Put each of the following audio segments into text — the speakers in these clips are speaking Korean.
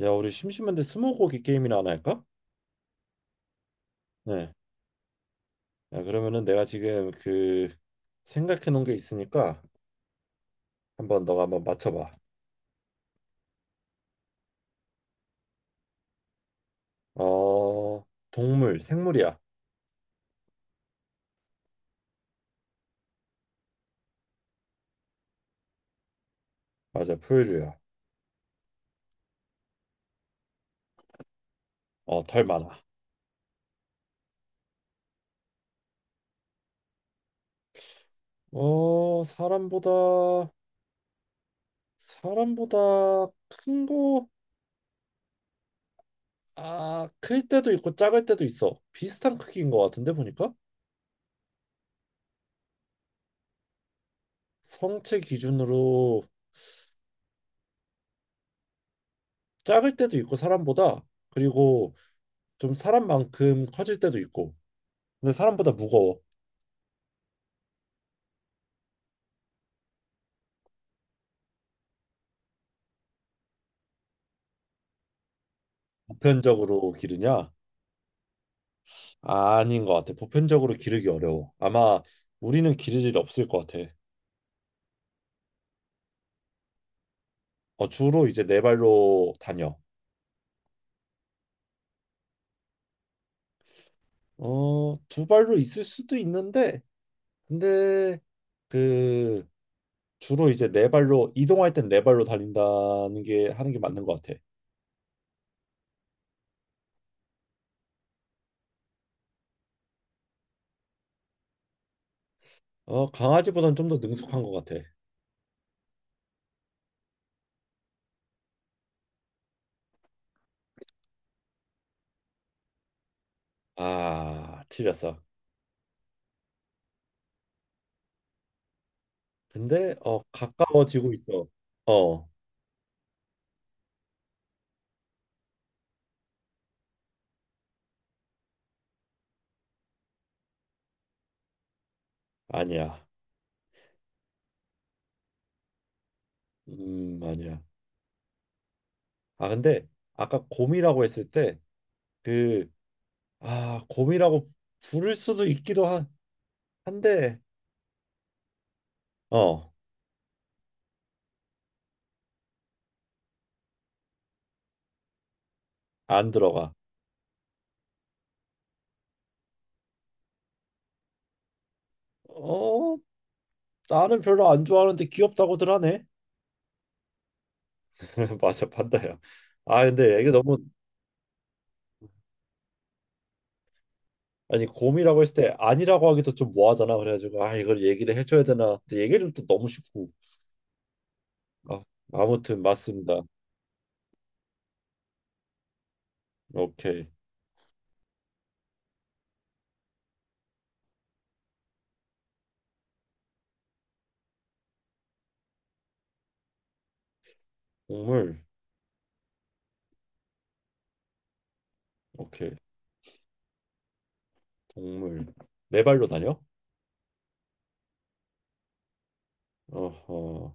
야, 우리 심심한데 스무고개 게임이나 하나 할까? 네. 야, 그러면은 내가 지금 그 생각해 놓은 게 있으니까 한번 너가 한번 맞춰봐. 어, 동물, 생물이야. 맞아, 포유류야. 어, 덜 많아. 어, 사람보다 큰 거, 아, 클 때도 있고 작을 때도 있어. 비슷한 크기인 것 같은데 보니까 성체 기준으로 작을 때도 있고 사람보다 그리고 좀 사람만큼 커질 때도 있고. 근데 사람보다 무거워. 보편적으로 기르냐? 아닌 것 같아. 보편적으로 기르기 어려워. 아마 우리는 기를 일이 없을 것 같아. 어, 주로 이제 네 발로 다녀. 어, 두 발로 있을 수도 있는데, 근데 그 주로 이제 네 발로 이동할 땐 네 발로 달린다는 게 하는 게 맞는 것 같아. 어, 강아지보단 좀 더 능숙한 것 같아. 아, 틀렸어. 근데 어 가까워지고 있어. 어, 아니야. 아니야. 아, 근데 아까 곰이라고 했을 때 그, 아, 곰이라고 부를 수도 있기도 한, 한데, 어, 안 들어가. 어, 나는 별로 안 좋아하는데 귀엽다고들 하네. 맞아, 판다야. 아, 근데 이게 너무, 아니, 곰이라고 했을 때 아니라고 하기도 좀 뭐하잖아. 그래가지고, 아, 이걸 얘기를 해줘야 되나. 근데 얘기를 또 너무 쉽고. 아, 아무튼, 맞습니다. 오케이. 동물, 오케이. 동물. 네 발로 다녀? 어허.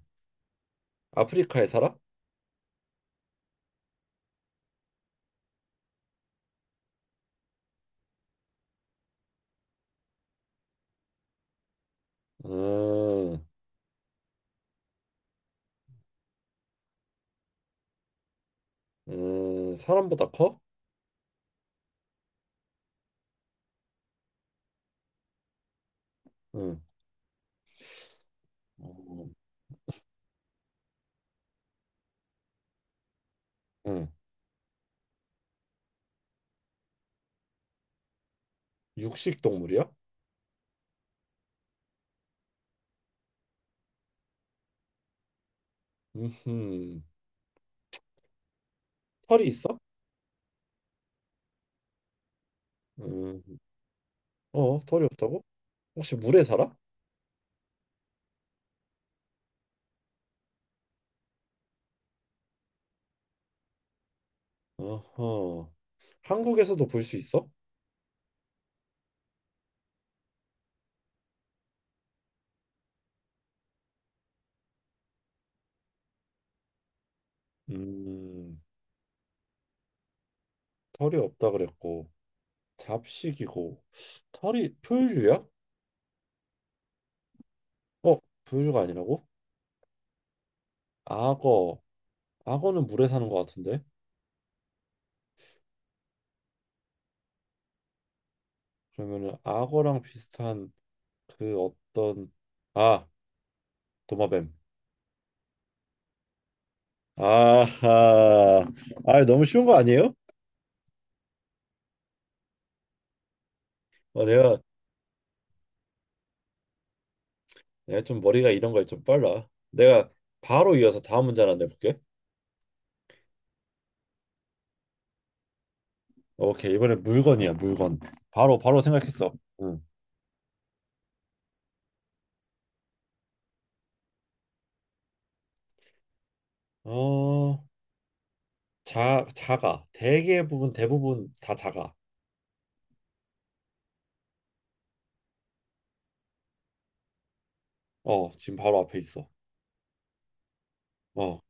아프리카에 살아? 음, 사람보다 커? 음. 어, 응. 육식 동물이야? 음. 털이 있어? 음. 어, 털이 없다고? 혹시 물에 살아? 어허. 한국에서도 볼 수 있어? 음. 털이 없다 그랬고 잡식이고 털이 포유류야? 어, 포유류가 아니라고? 악어. 악어는 물에 사는 것 같은데. 그러면은 악어랑 비슷한 그 어떤 아, 도마뱀. 아하. 아, 너무 쉬운 거 아니에요? 어, 내가 내가 좀 머리가 이런 거에 좀 빨라. 내가 바로 이어서 다음 문제 하나 내볼게. 오케이, 이번엔 물건이야, 물건. 바로 바로 생각했어. 응. 어, 자, 작아. 대부분 다 작아. 어, 지금 바로 앞에 있어. 어,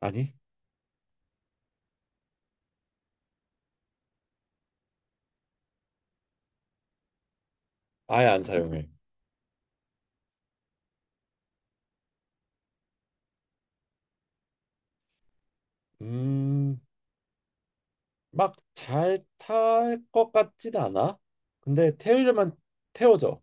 아니, 아예 안 사용해. 음, 막 잘 탈 것 같진 않아. 근데 태우려면 태워져.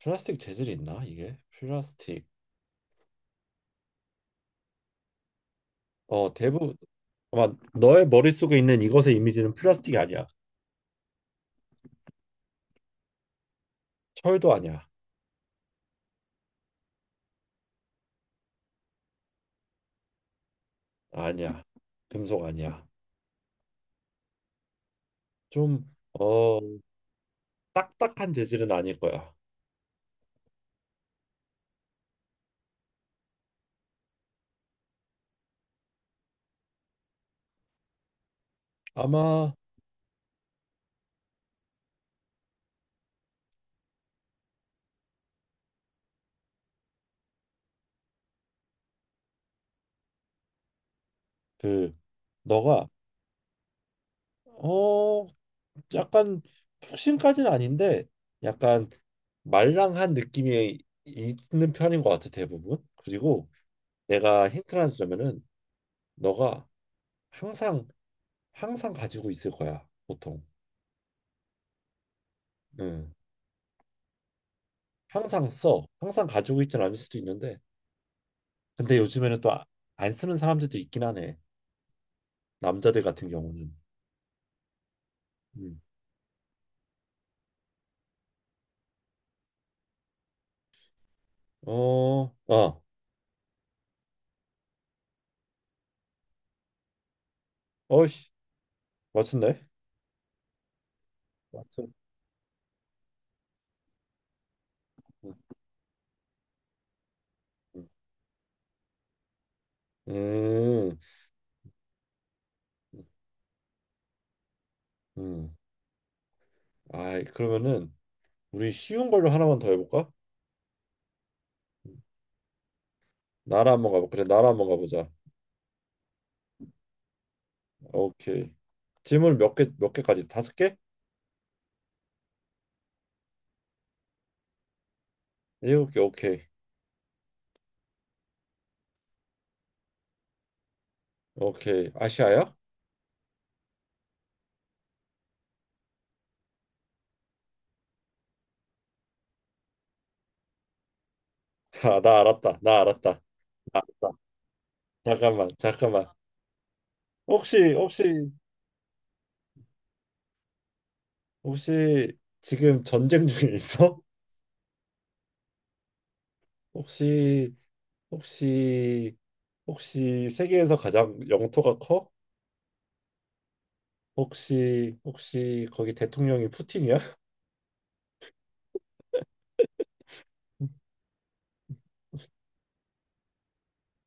플라스틱 재질이 있나 이게? 플라스틱. 어, 대부분 아마 너의 머릿속에 있는 이것의 이미지는 플라스틱이 아니야. 철도 아니야. 아니야. 금속 아니야. 좀 어, 딱딱한 재질은 아닐 거야. 아마 그 너가 어 약간 푹신까지는 아닌데 약간 말랑한 느낌이 있는 편인 것 같아 대부분. 그리고 내가 힌트를 하나 주자면은 너가 항상 항상 가지고 있을 거야 보통. 응. 항상 써. 항상 가지고 있진 않을 수도 있는데 근데 요즘에는 또 안 쓰는 사람들도 있긴 하네. 남자들 같은 경우는. 음. 어, 아, 어이씨, 맞췄네. 맞췄. 음, 음, 음. 아, 그러면은 우리 쉬운 걸로 하나만 더 해볼까? 나라 한번 가보. 그래, 나라 한번 가보자. 오케이. 질문 몇 개, 몇 개까지? 다섯 개? 일곱 개. 오케이. 오케이. 아시아야? 아, 나 알았다. 나 알았다. 나 알았다. 잠깐만, 잠깐만. 혹시, 혹시, 혹시 지금 전쟁 중에 있어? 혹시 혹시 혹시 세계에서 가장 영토가 커? 혹시 거기 대통령이 푸틴이야?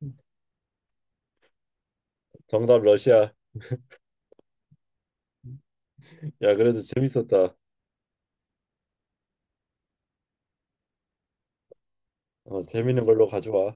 정답 러시아. 야, 그래도 재밌었다. 어, 재밌는 걸로 가져와.